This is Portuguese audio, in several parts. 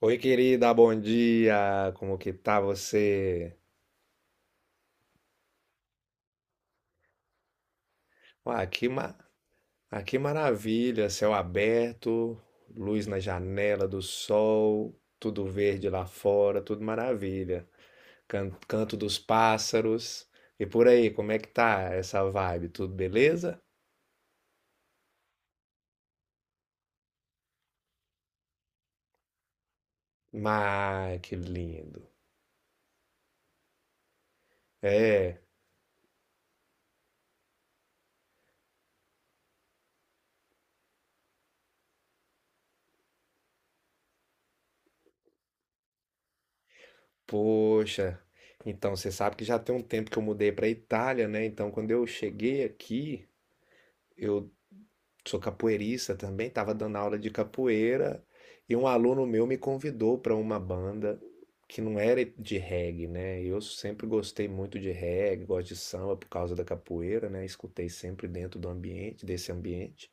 Oi, querida, bom dia. Como que tá você? Ah, que ma... ah, que maravilha, céu aberto, luz na janela do sol, tudo verde lá fora, tudo maravilha. Canto dos pássaros. E por aí, como é que tá essa vibe? Tudo beleza? Mas que lindo. É, poxa. Então, você sabe que já tem um tempo que eu mudei para Itália, né? Então, quando eu cheguei aqui, eu sou capoeirista também, estava dando aula de capoeira e um aluno meu me convidou para uma banda que não era de reggae, né? Eu sempre gostei muito de reggae, gosto de samba por causa da capoeira, né? Escutei sempre dentro do ambiente, desse ambiente.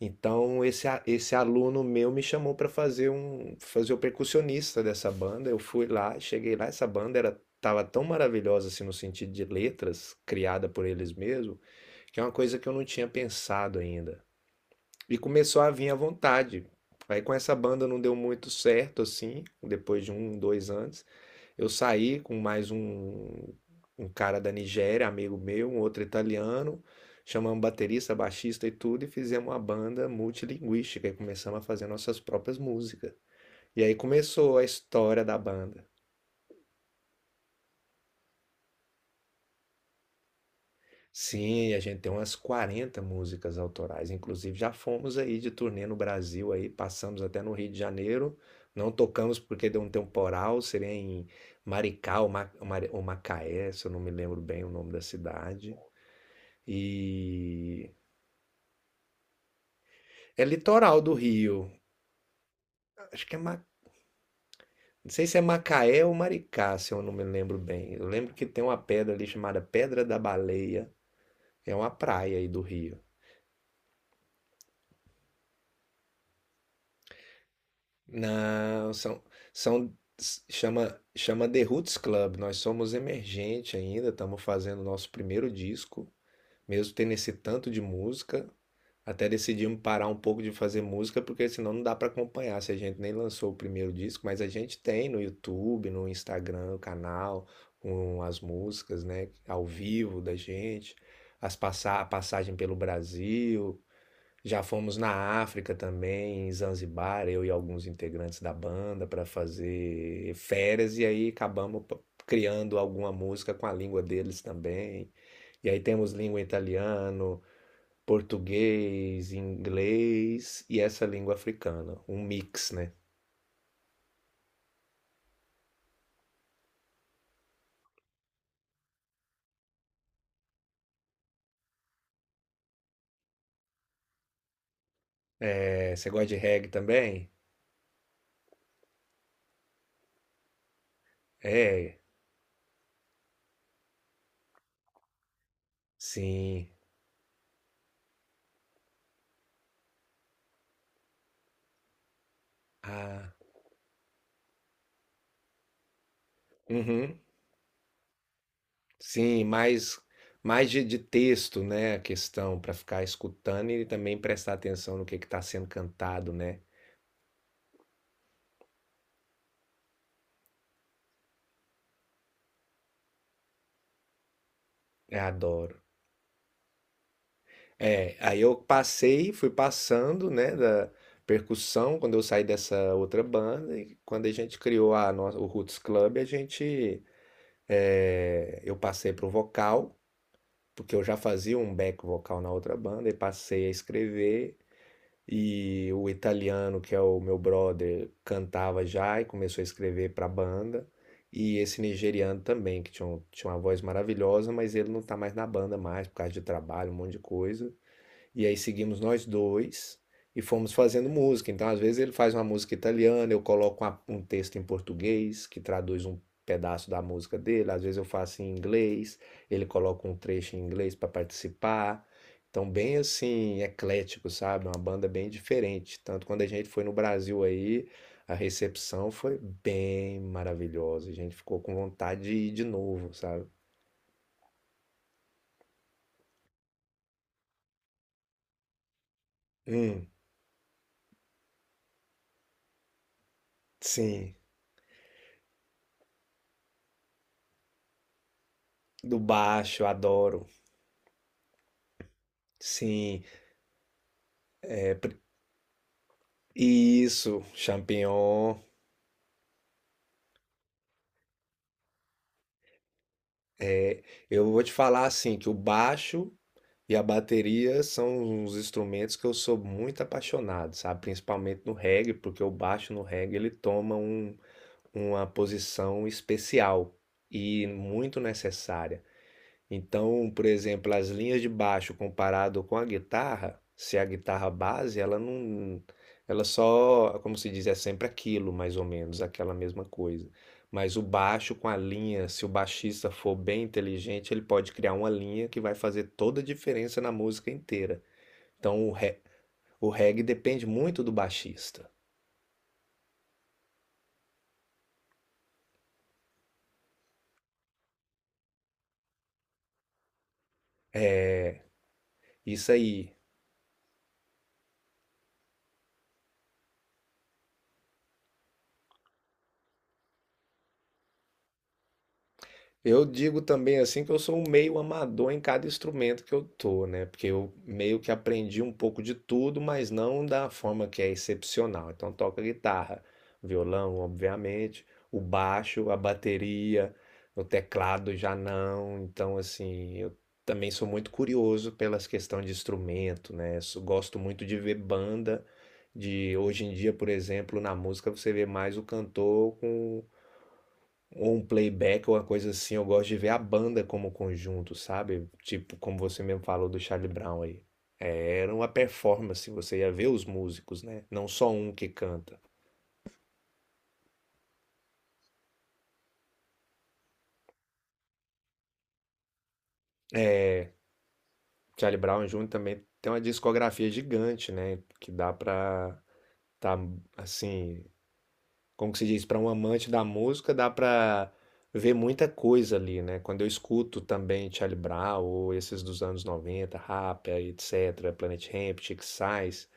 Então esse aluno meu me chamou para fazer o percussionista dessa banda. Eu fui lá, cheguei lá, essa banda era tava tão maravilhosa assim no sentido de letras, criada por eles mesmos, que é uma coisa que eu não tinha pensado ainda. E começou a vir à vontade. Aí com essa banda não deu muito certo, assim, depois de um, dois anos. Eu saí com um cara da Nigéria, amigo meu, um outro italiano. Chamamos baterista, baixista e tudo, e fizemos uma banda multilinguística e começamos a fazer nossas próprias músicas. E aí começou a história da banda. Sim, a gente tem umas 40 músicas autorais, inclusive já fomos aí de turnê no Brasil aí, passamos até no Rio de Janeiro, não tocamos porque deu um temporal, seria em Maricá ou Macaé, se eu não me lembro bem o nome da cidade. E é litoral do Rio. Acho que é Ma... não sei se é Macaé ou Maricá, se eu não me lembro bem. Eu lembro que tem uma pedra ali chamada Pedra da Baleia, é uma praia aí do Rio. Não, são, são chama The Roots Club. Nós somos emergente ainda, estamos fazendo nosso primeiro disco, mesmo tendo esse tanto de música. Até decidimos parar um pouco de fazer música, porque senão não dá para acompanhar. Se a gente nem lançou o primeiro disco, mas a gente tem no YouTube, no Instagram, o canal com as músicas, né, ao vivo da gente, as passagem pelo Brasil, já fomos na África também, em Zanzibar, eu e alguns integrantes da banda para fazer férias e aí criando alguma música com a língua deles também. E aí temos língua italiano, português, inglês e essa língua africana, um mix, né? É, você gosta de reggae também? É, sim. Ah, uhum. Sim, mais de texto, né, a questão para ficar escutando e também prestar atenção no que está sendo cantado, né? Eu adoro. É, aí eu passei, fui passando, né, da percussão quando eu saí dessa outra banda e quando a gente criou a nossa, o Roots Club, a gente é, eu passei pro vocal, porque eu já fazia um back vocal na outra banda e passei a escrever. E o italiano, que é o meu brother, cantava já e começou a escrever para a banda. E esse nigeriano também, que tinha uma voz maravilhosa, mas ele não tá mais na banda mais por causa de trabalho, um monte de coisa. E aí seguimos nós dois e fomos fazendo música. Então, às vezes, ele faz uma música italiana, eu coloco um texto em português que traduz um pedaço da música dele, às vezes eu faço em inglês, ele coloca um trecho em inglês para participar. Então, bem assim, eclético, sabe? Uma banda bem diferente. Tanto quando a gente foi no Brasil aí, a recepção foi bem maravilhosa. A gente ficou com vontade de ir de novo, sabe? Hum, sim. Do baixo, adoro. Sim. É. Isso, champignon. É, eu vou te falar assim que o baixo e a bateria são os instrumentos que eu sou muito apaixonado, sabe? Principalmente no reggae, porque o baixo no reggae ele toma uma posição especial e muito necessária. Então, por exemplo, as linhas de baixo comparado com a guitarra, se é a guitarra base, ela não, ela só, como se diz, é sempre aquilo, mais ou menos, aquela mesma coisa. Mas o baixo com a linha, se o baixista for bem inteligente, ele pode criar uma linha que vai fazer toda a diferença na música inteira. Então, o reggae depende muito do baixista. Isso aí. Eu digo também assim que eu sou um meio amador em cada instrumento que eu tô, né? Porque eu meio que aprendi um pouco de tudo, mas não da forma que é excepcional. Então toco guitarra, violão, obviamente, o baixo, a bateria, o teclado já não. Então assim, eu também sou muito curioso pelas questões de instrumento, né? Gosto muito de ver banda de hoje em dia, por exemplo, na música você vê mais o cantor com ou um playback ou uma coisa assim, eu gosto de ver a banda como conjunto, sabe? Tipo, como você mesmo falou do Charlie Brown aí. É, era uma performance, você ia ver os músicos, né? Não só um que canta. É, Charlie Brown Jr. também tem uma discografia gigante, né? Que dá pra tá, assim, como que se diz, para um amante da música, dá para ver muita coisa ali, né? Quando eu escuto também Charlie Brown ou esses dos anos 90 Rapa, etc, Planet Hemp, Chick Sainz,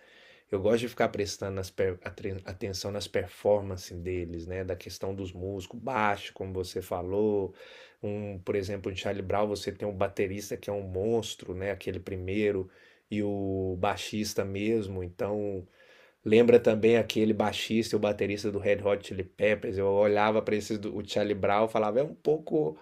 eu gosto de ficar prestando atenção nas performances deles, né? Da questão dos músicos, baixo, como você falou. Um, por exemplo, em Charlie Brown você tem um baterista que é um monstro, né? Aquele primeiro, e o baixista mesmo. Então, lembra também aquele baixista e o baterista do Red Hot Chili Peppers. Eu olhava para esses do o Charlie Brown, e falava, é um pouco,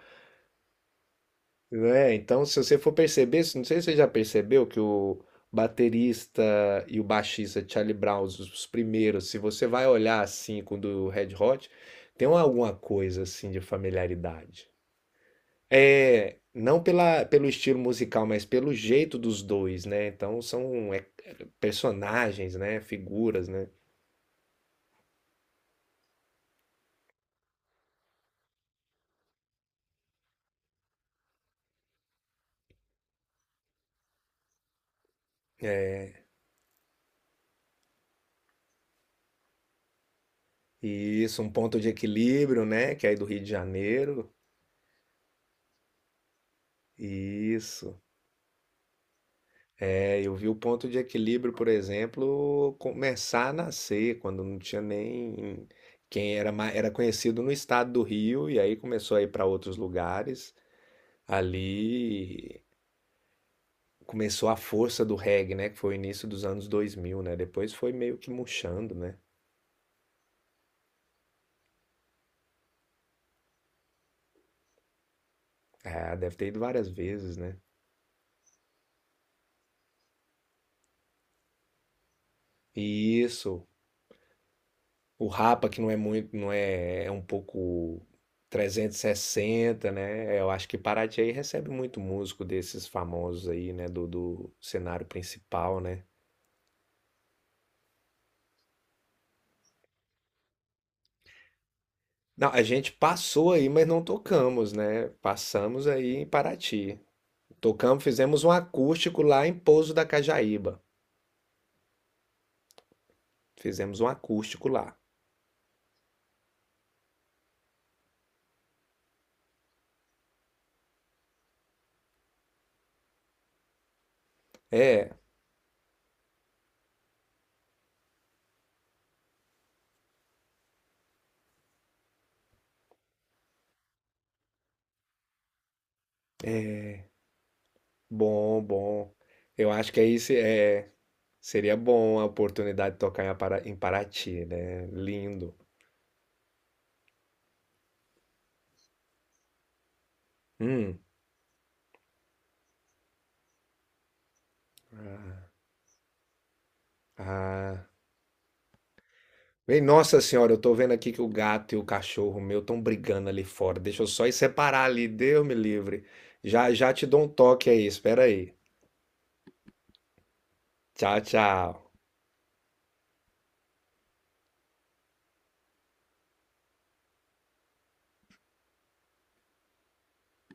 né? Então, se você for perceber, não sei se você já percebeu que o baterista e o baixista de Charlie Brown, os primeiros, se você vai olhar assim com o do Red Hot, tem alguma coisa assim de familiaridade. É, não pela, pelo estilo musical, mas pelo jeito dos dois, né? Então são é, personagens, né? Figuras, né? Isso, um ponto de equilíbrio, né? Que é aí do Rio de Janeiro. Isso. É, eu vi o ponto de equilíbrio, por exemplo, começar a nascer, quando não tinha nem quem era, era conhecido no estado do Rio, e aí começou a ir para outros lugares. Ali começou a força do reggae, né? Que foi o início dos anos dois mil, né? Depois foi meio que murchando, né? É, deve ter ido várias vezes, né? Isso. O Rapa, que não é muito, não é, é um pouco trezentos e sessenta, né? Eu acho que Paraty aí recebe muito músico desses famosos aí, né? Do, do cenário principal, né? Não, a gente passou aí, mas não tocamos, né? Passamos aí em Paraty. Tocamos, fizemos um acústico lá em Pouso da Cajaíba. Fizemos um acústico lá. É, bom, bom. Eu acho que aí seria bom a oportunidade de tocar em Paraty, né? Lindo. Hum. Ah. Bem, nossa senhora, eu tô vendo aqui que o gato e o cachorro meu estão brigando ali fora. Deixa eu só ir separar ali, Deus me livre. Já já te dou um toque aí, espera aí. Tchau, tchau.